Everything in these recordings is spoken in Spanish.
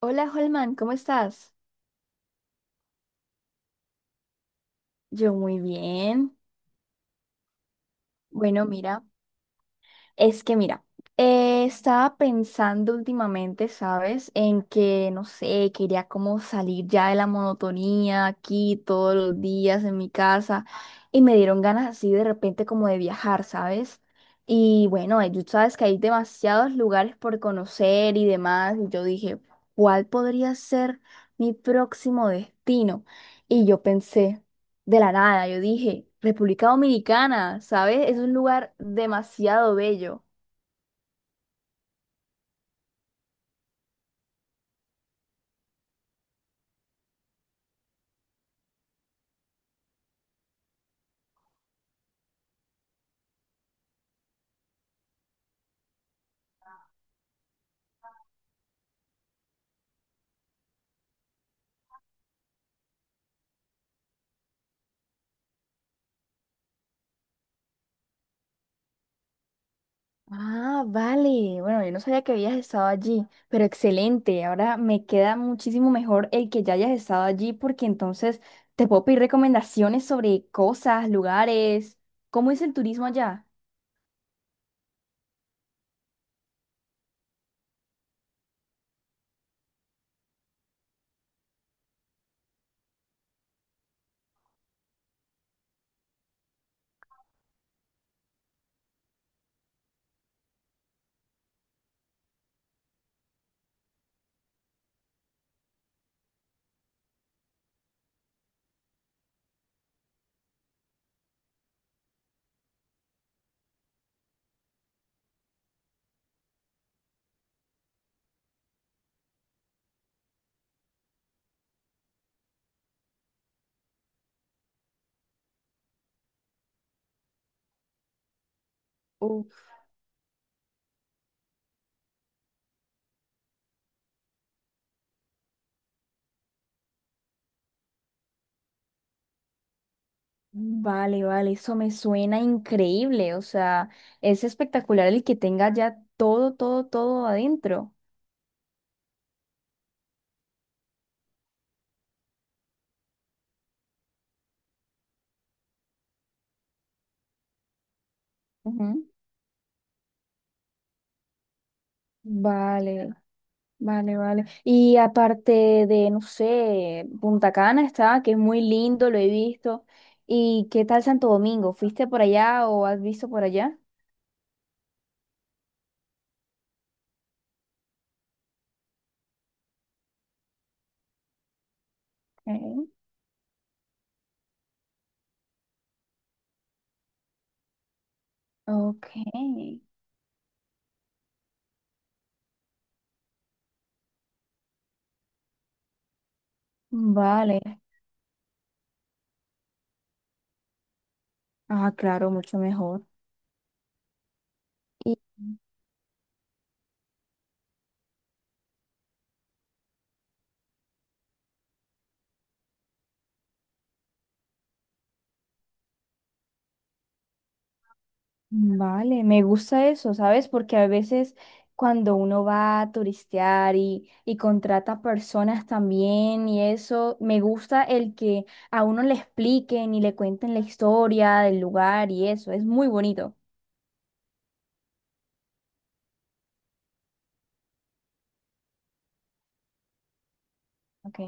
Hola Holman, ¿cómo estás? Yo muy bien. Bueno, mira, es que mira, estaba pensando últimamente, ¿sabes? En que, no sé, quería como salir ya de la monotonía aquí todos los días en mi casa y me dieron ganas así de repente como de viajar, ¿sabes? Y bueno, tú sabes que hay demasiados lugares por conocer y demás, y yo dije, ¿cuál podría ser mi próximo destino? Y yo pensé de la nada. Yo dije, República Dominicana, ¿sabes? Es un lugar demasiado bello. Ah, vale. Bueno, yo no sabía que habías estado allí, pero excelente. Ahora me queda muchísimo mejor el que ya hayas estado allí porque entonces te puedo pedir recomendaciones sobre cosas, lugares. ¿Cómo es el turismo allá? Uf. Vale, vale, eso me suena increíble. O sea, es espectacular el que tenga ya todo, todo, todo adentro. Ujú. Vale. Vale, vale. Y aparte de, no sé, Punta Cana está, que es muy lindo, lo he visto. ¿Y qué tal Santo Domingo? ¿Fuiste por allá o has visto por allá? Ok. Ok. Vale. Ah, claro, mucho mejor. Vale, me gusta eso, ¿sabes? Porque a veces cuando uno va a turistear y contrata personas también y eso, me gusta el que a uno le expliquen y le cuenten la historia del lugar y eso, es muy bonito. Ok.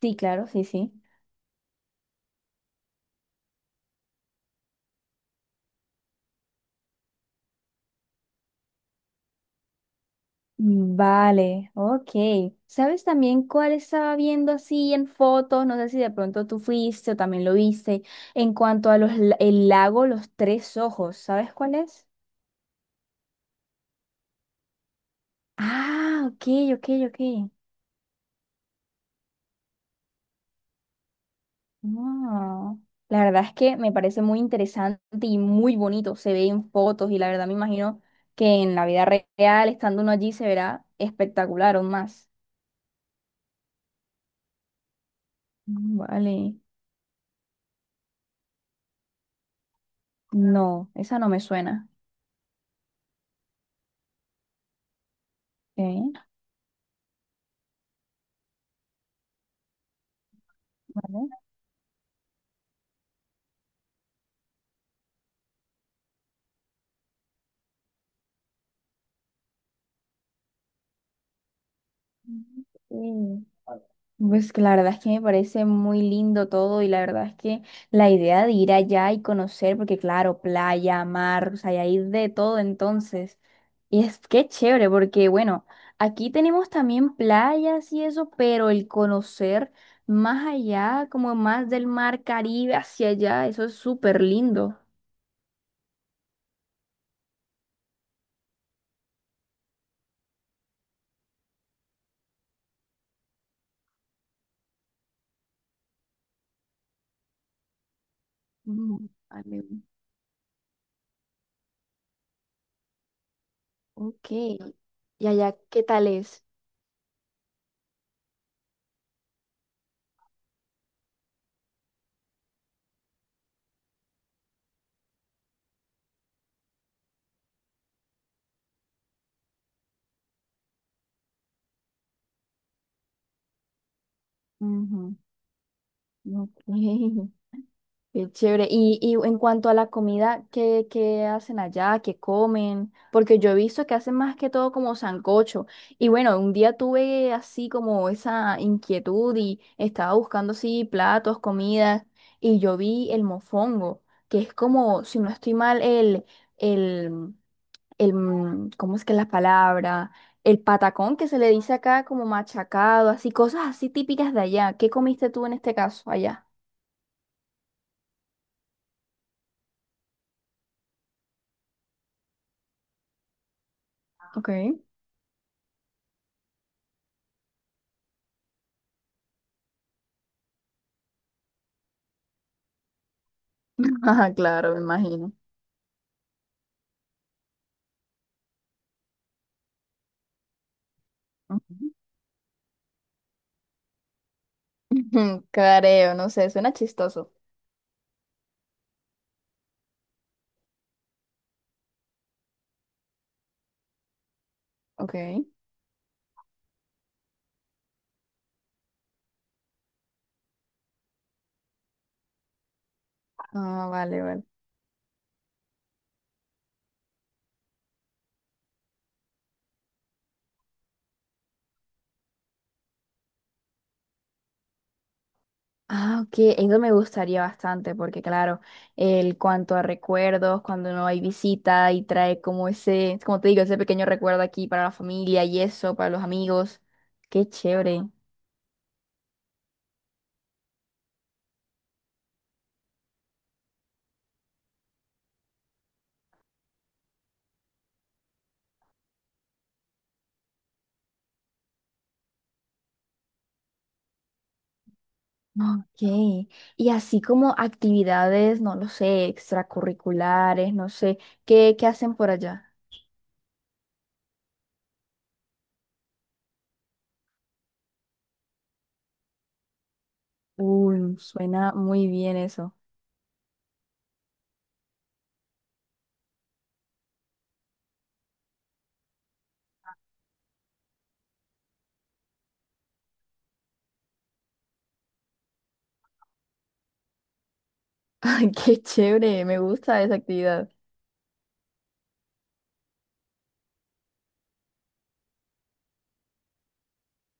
Sí, claro, sí, sí. Mm, vale, ok. ¿Sabes también cuál estaba viendo así en fotos? No sé si de pronto tú fuiste o también lo viste. En cuanto a el lago Los Tres Ojos, ¿sabes cuál es? Ah, ok, ok, ok. No. La verdad es que me parece muy interesante y muy bonito. Se ve en fotos y la verdad me imagino que en la vida real, estando uno allí, se verá espectacular aún más. Mm, vale. No, esa no me suena. Ok, vale. Sí. Pues que la verdad es que me parece muy lindo todo y la verdad es que la idea de ir allá y conocer, porque claro, playa, mar, o sea, y hay de todo entonces. Y es que chévere, porque bueno, aquí tenemos también playas y eso, pero el conocer más allá, como más del mar Caribe hacia allá, eso es súper lindo. Mm, vale. Ok, ¿y allá qué tal es? Ujú. Ok. Qué chévere. Y en cuanto a la comida, ¿qué, qué hacen allá? ¿Qué comen? Porque yo he visto que hacen más que todo como sancocho. Y bueno, un día tuve así como esa inquietud y estaba buscando así platos, comidas, y yo vi el mofongo, que es como, si no estoy mal, el, el ¿cómo es que es la palabra? El patacón que se le dice acá como machacado, así, cosas así típicas de allá. ¿Qué comiste tú en este caso allá? Ok. Ajá, claro, me imagino. Ujú. Careo, no sé, suena chistoso. Ok. Ah, vale, vale. Ah, ok, eso me gustaría bastante porque, claro, el cuanto a recuerdos, cuando no hay visita y trae como ese, como te digo, ese pequeño recuerdo aquí para la familia y eso, para los amigos. Qué chévere. Ok. Y así como actividades, no lo sé, extracurriculares, no sé, ¿qué, qué hacen por allá? Uy, suena muy bien eso. Ay, qué chévere, me gusta esa actividad.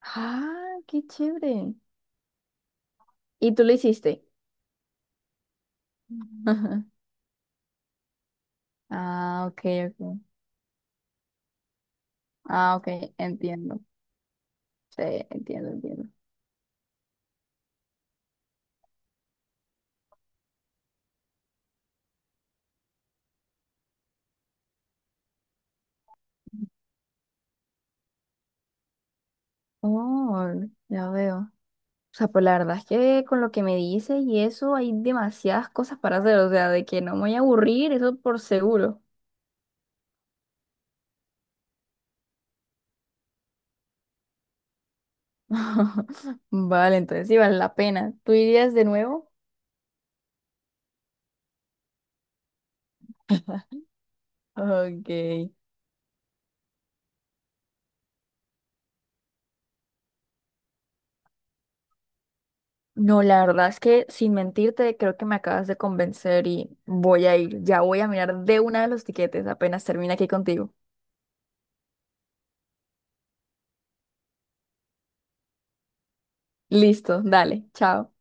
Ah, qué chévere. ¿Y tú lo hiciste? Ajá. Ah, ok, ok. Ah, ok, entiendo. Sí, entiendo, entiendo. Oh, ya veo. O sea, pues la verdad es que con lo que me dices y eso hay demasiadas cosas para hacer, o sea, de que no me voy a aburrir, eso por seguro. Vale, entonces sí vale la pena. ¿Tú irías de nuevo? Ok. No, la verdad es que sin mentirte, creo que me acabas de convencer y voy a ir. Ya voy a mirar de una de los tiquetes apenas termine aquí contigo. Listo, dale, chao.